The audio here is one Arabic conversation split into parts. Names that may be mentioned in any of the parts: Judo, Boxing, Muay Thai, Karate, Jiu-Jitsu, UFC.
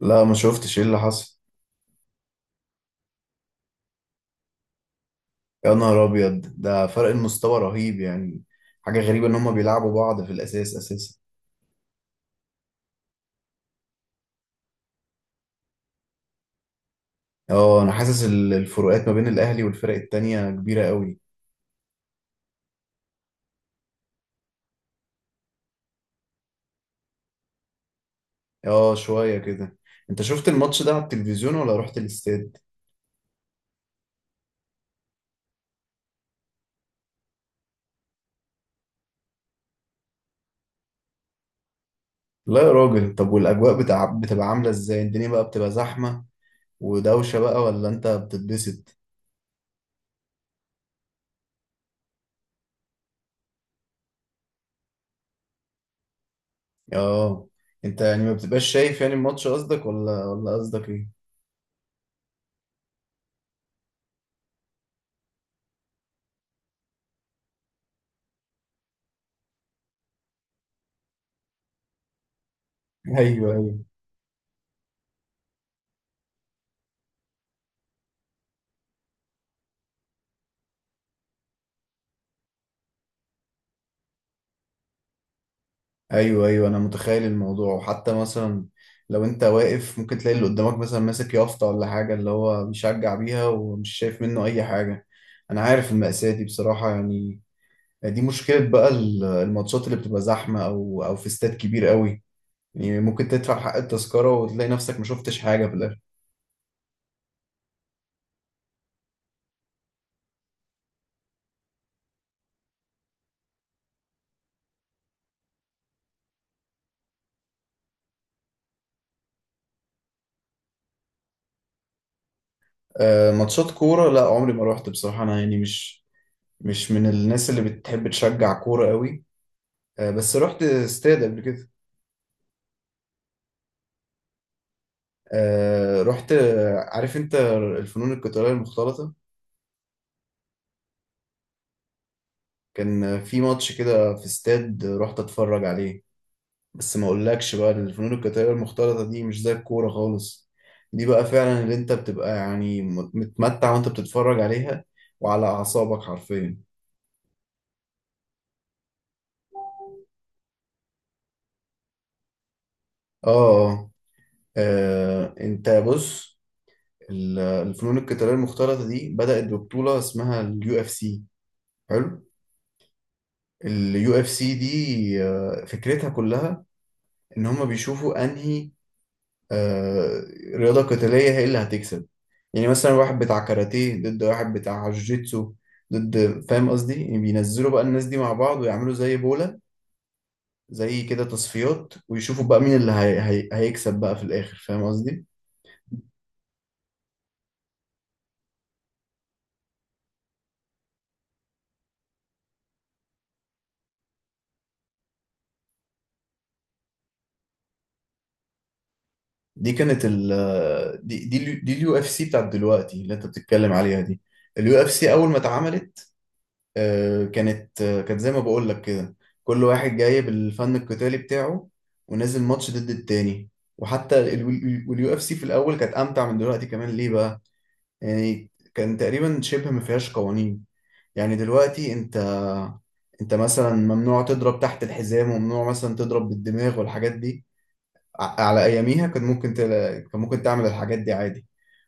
لا، ما شفتش ايه اللي حصل. يا نهار ابيض، ده فرق المستوى رهيب يعني. حاجه غريبه ان هما بيلعبوا بعض في الاساس اساسا. اه، انا حاسس الفروقات ما بين الاهلي والفرق التانية كبيره قوي. اه، شويه كده. انت شفت الماتش ده على التلفزيون ولا رحت الاستاد؟ لا يا راجل. طب والاجواء بتبقى عامله ازاي؟ الدنيا بقى بتبقى زحمه ودوشه بقى، ولا انت بتتبسط؟ اه. انت يعني ما بتبقاش شايف يعني الماتش قصدك، ولا قصدك ايه؟ ايوه، ايوه. ايوه، ايوه، انا متخيل الموضوع. وحتى مثلا لو انت واقف، ممكن تلاقي اللي قدامك مثلا ماسك يافطه ولا حاجه، اللي هو بيشجع بيها، ومش شايف منه اي حاجه. انا عارف المأساة دي بصراحه يعني. دي مشكله بقى، الماتشات اللي بتبقى زحمه، او في استاد كبير قوي. يعني ممكن تدفع حق التذكره وتلاقي نفسك ما شفتش حاجه في الاخر. ماتشات كوره لا، عمري ما روحت بصراحه. انا يعني مش من الناس اللي بتحب تشجع كوره قوي. بس رحت استاد قبل كده. رحت، عارف انت، الفنون القتالية المختلطة. كان في ماتش كده في استاد رحت اتفرج عليه. بس ما اقولكش بقى، الفنون القتالية المختلطة دي مش زي الكورة خالص. دي بقى فعلا اللي انت بتبقى يعني متمتع وانت بتتفرج عليها، وعلى اعصابك حرفيا. اه، اه. انت بص. الفنون القتالية المختلطة دي بدأت ببطولة اسمها اليو اف سي. حلو. اليو اف سي دي، فكرتها كلها ان هم بيشوفوا انهي، آه، رياضه قتاليه هي اللي هتكسب. يعني مثلا واحد بتاع كاراتيه ضد واحد بتاع جوجيتسو ضد، فاهم قصدي؟ يعني بينزلوا بقى الناس دي مع بعض ويعملوا زي بوله، زي كده تصفيات، ويشوفوا بقى مين هيكسب بقى في الاخر، فاهم قصدي؟ دي كانت ال آه، دي اليو اف سي بتاعت دلوقتي اللي انت بتتكلم عليها. دي اليو اف سي اول ما اتعملت، كانت زي ما بقول لك كده. كل واحد جاي بالفن القتالي بتاعه، ونازل ماتش ضد التاني. وحتى اليو اف سي في الاول كانت امتع من دلوقتي كمان. ليه بقى؟ يعني كان تقريبا شبه ما فيهاش قوانين. يعني دلوقتي انت مثلا ممنوع تضرب تحت الحزام، وممنوع مثلا تضرب بالدماغ والحاجات دي. على اياميها كان ممكن كان ممكن تعمل الحاجات دي عادي.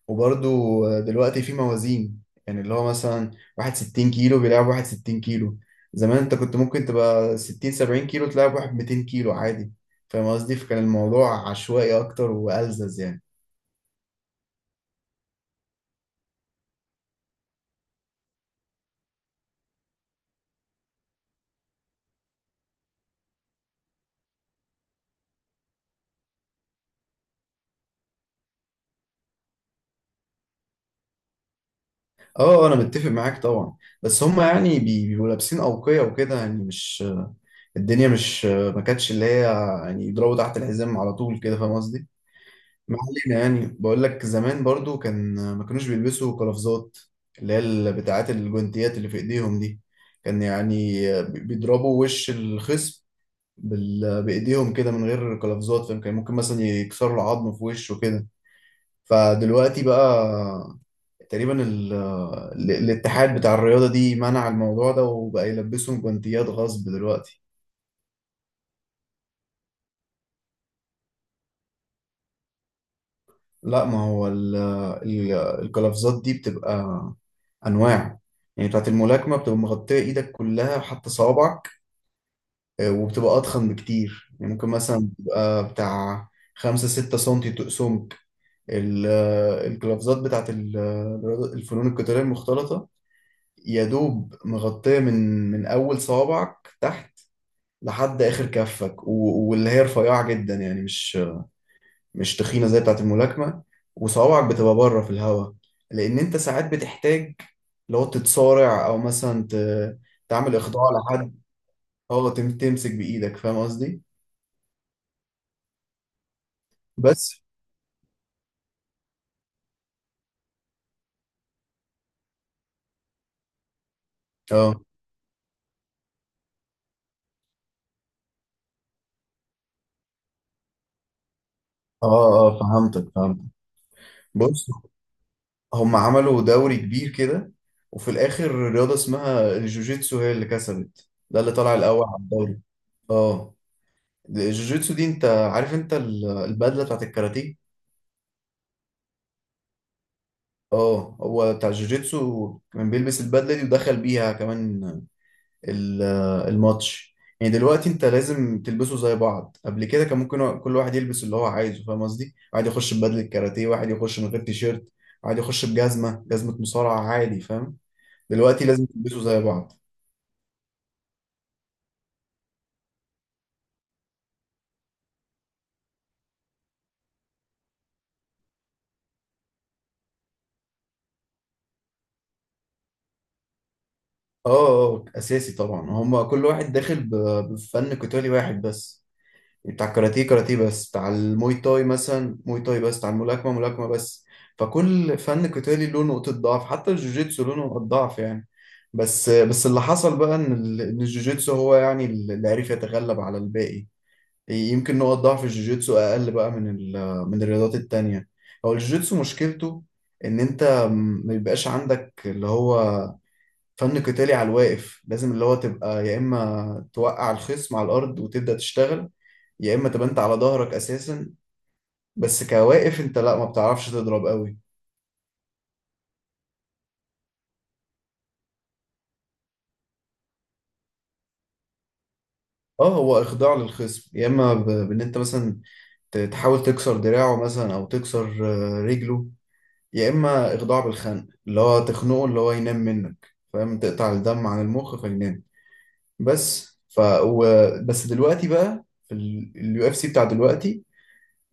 وبرضو دلوقتي في موازين، يعني اللي هو مثلا واحد 60 كيلو بيلعب واحد 60 كيلو. زمان انت كنت ممكن تبقى 60 70 كيلو، تلعب واحد 200 كيلو عادي. فاهم قصدي؟ فكان الموضوع عشوائي اكتر والزز يعني. اه، انا متفق معاك طبعا. بس هم يعني بيبقوا لابسين اوقية وكده، يعني مش الدنيا، مش ما كانتش اللي هي، يعني يضربوا تحت الحزام على طول كده، فاهم قصدي؟ ما علينا. يعني بقول لك زمان برضو كان ما كانوش بيلبسوا قفازات، اللي هي بتاعات الجوانتيات اللي في ايديهم دي. كان يعني بيضربوا وش الخصم بايديهم كده من غير قفازات، فاهم؟ كان ممكن مثلا يكسروا العظم في وشه كده. فدلوقتي بقى تقريبا الاتحاد بتاع الرياضة دي منع الموضوع ده، وبقى يلبسهم جوانتيات غصب دلوقتي. لا، ما هو القفازات دي بتبقى انواع. يعني بتاعت الملاكمه بتبقى مغطيه ايدك كلها، حتى صوابعك، وبتبقى اضخم بكتير. يعني ممكن مثلا بتبقى بتاع خمسة ستة سنتي تقسمك. القفازات بتاعت الفنون القتاليه المختلطه، يا دوب مغطيه من اول صوابعك تحت لحد اخر كفك، واللي هي رفيعه جدا يعني، مش تخينة زي بتاعة الملاكمة. وصوابعك بتبقى بره في الهواء، لأن أنت ساعات بتحتاج، لو تتصارع أو مثلا تعمل إخضاع لحد. أه، تمسك بإيدك، فاهم قصدي؟ بس. أه، أه، أه، فهمتك، فهمتك. بص، هم عملوا دوري كبير كده، وفي الآخر رياضة اسمها الجوجيتسو هي اللي كسبت، ده اللي طلع الأول على الدوري. أه. الجوجيتسو دي، أنت عارف البدلة بتاعت الكاراتيه؟ اه، هو بتاع جوجيتسو كان بيلبس البدله دي، ودخل بيها كمان ال- الماتش. يعني دلوقتي انت لازم تلبسوا زي بعض. قبل كده كان ممكن كل واحد يلبس اللي هو عايزه، فاهم قصدي؟ واحد يخش ببدله كاراتيه، واحد يخش من غير تيشيرت، واحد يخش بجزمه، جزمه مصارعه عادي، فاهم؟ دلوقتي لازم تلبسوا زي بعض. اه، اه، اساسي طبعا. هما كل واحد داخل بفن قتالي واحد بس. بتاع الكاراتيه كاراتيه بس، بتاع الموي تاي مثلا موي تاي بس، بتاع الملاكمة ملاكمة بس. فكل فن قتالي له نقطة ضعف، حتى الجوجيتسو له نقطة ضعف يعني. بس اللي حصل بقى ان إن الجوجيتسو هو يعني اللي عرف يتغلب على الباقي. يمكن نقط ضعف الجوجيتسو اقل بقى من من الرياضات التانية. هو الجوجيتسو مشكلته ان انت ما يبقاش عندك اللي هو فن قتالي على الواقف. لازم اللي هو تبقى يا اما توقع الخصم على الارض وتبدأ تشتغل، يا اما تبقى انت على ظهرك اساسا. بس كواقف انت لا، ما بتعرفش تضرب قوي. اه، هو اخضاع للخصم، يا اما بان انت مثلا تحاول تكسر دراعه، مثلا او تكسر، رجله، يا اما اخضاع بالخنق، اللي هو تخنقه اللي هو ينام منك، فاهم؟ تقطع الدم عن المخ فينام. بس ف و... بس دلوقتي بقى في اليو اف سي بتاع دلوقتي،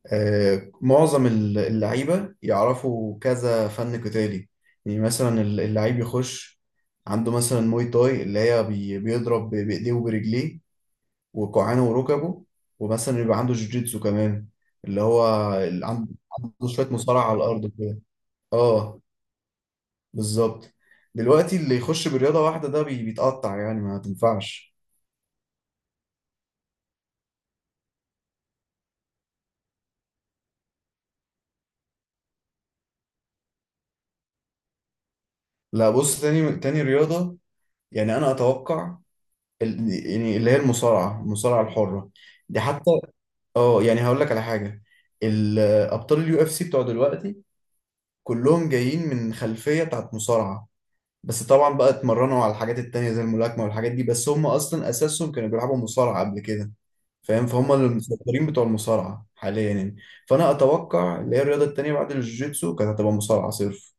معظم اللعيبة يعرفوا كذا فن قتالي. يعني مثلا اللعيب يخش عنده مثلا موي تاي، اللي هي بيضرب بإيديه وبرجليه وكوعانه وركبه. ومثلا يبقى عنده جوجيتسو كمان، اللي هو عنده شوية مصارعة على الأرض كده. اه، بالظبط. دلوقتي اللي يخش برياضة واحدة ده بيتقطع يعني، ما تنفعش. لا بص، تاني رياضة، يعني أنا أتوقع يعني اللي هي المصارعة الحرة. دي حتى، اه، يعني هقول لك على حاجه. الابطال اليو اف سي بتوع دلوقتي كلهم جايين من خلفيه بتاعت مصارعه. بس طبعا بقى اتمرنوا على الحاجات التانية زي الملاكمه والحاجات دي، بس هم اصلا اساسهم كانوا بيلعبوا مصارعه قبل كده، فاهم؟ فهم المسيطرين بتوع المصارعه حاليا يعني. فانا اتوقع اللي هي الرياضه التانية بعد الجوجيتسو كانت هتبقى مصارعه صرف.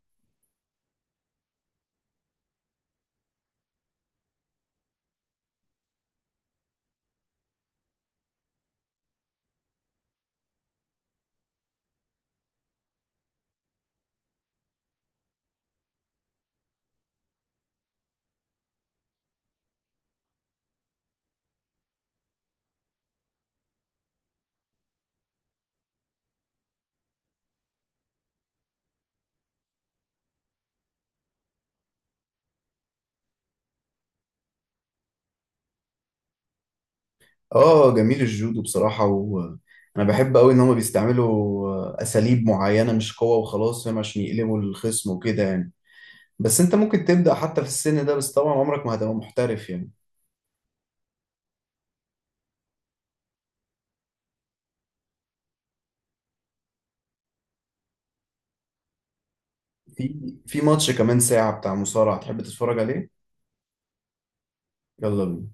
اه جميل. الجودو بصراحه، وانا بحب قوي ان هم بيستعملوا اساليب معينه، مش قوه وخلاص، فاهم؟ عشان يقلبوا الخصم وكده يعني. بس انت ممكن تبدأ حتى في السن ده، بس طبعا عمرك ما هتبقى محترف يعني. في ماتش كمان ساعة بتاع مصارعة، تحب تتفرج عليه؟ يلا بينا.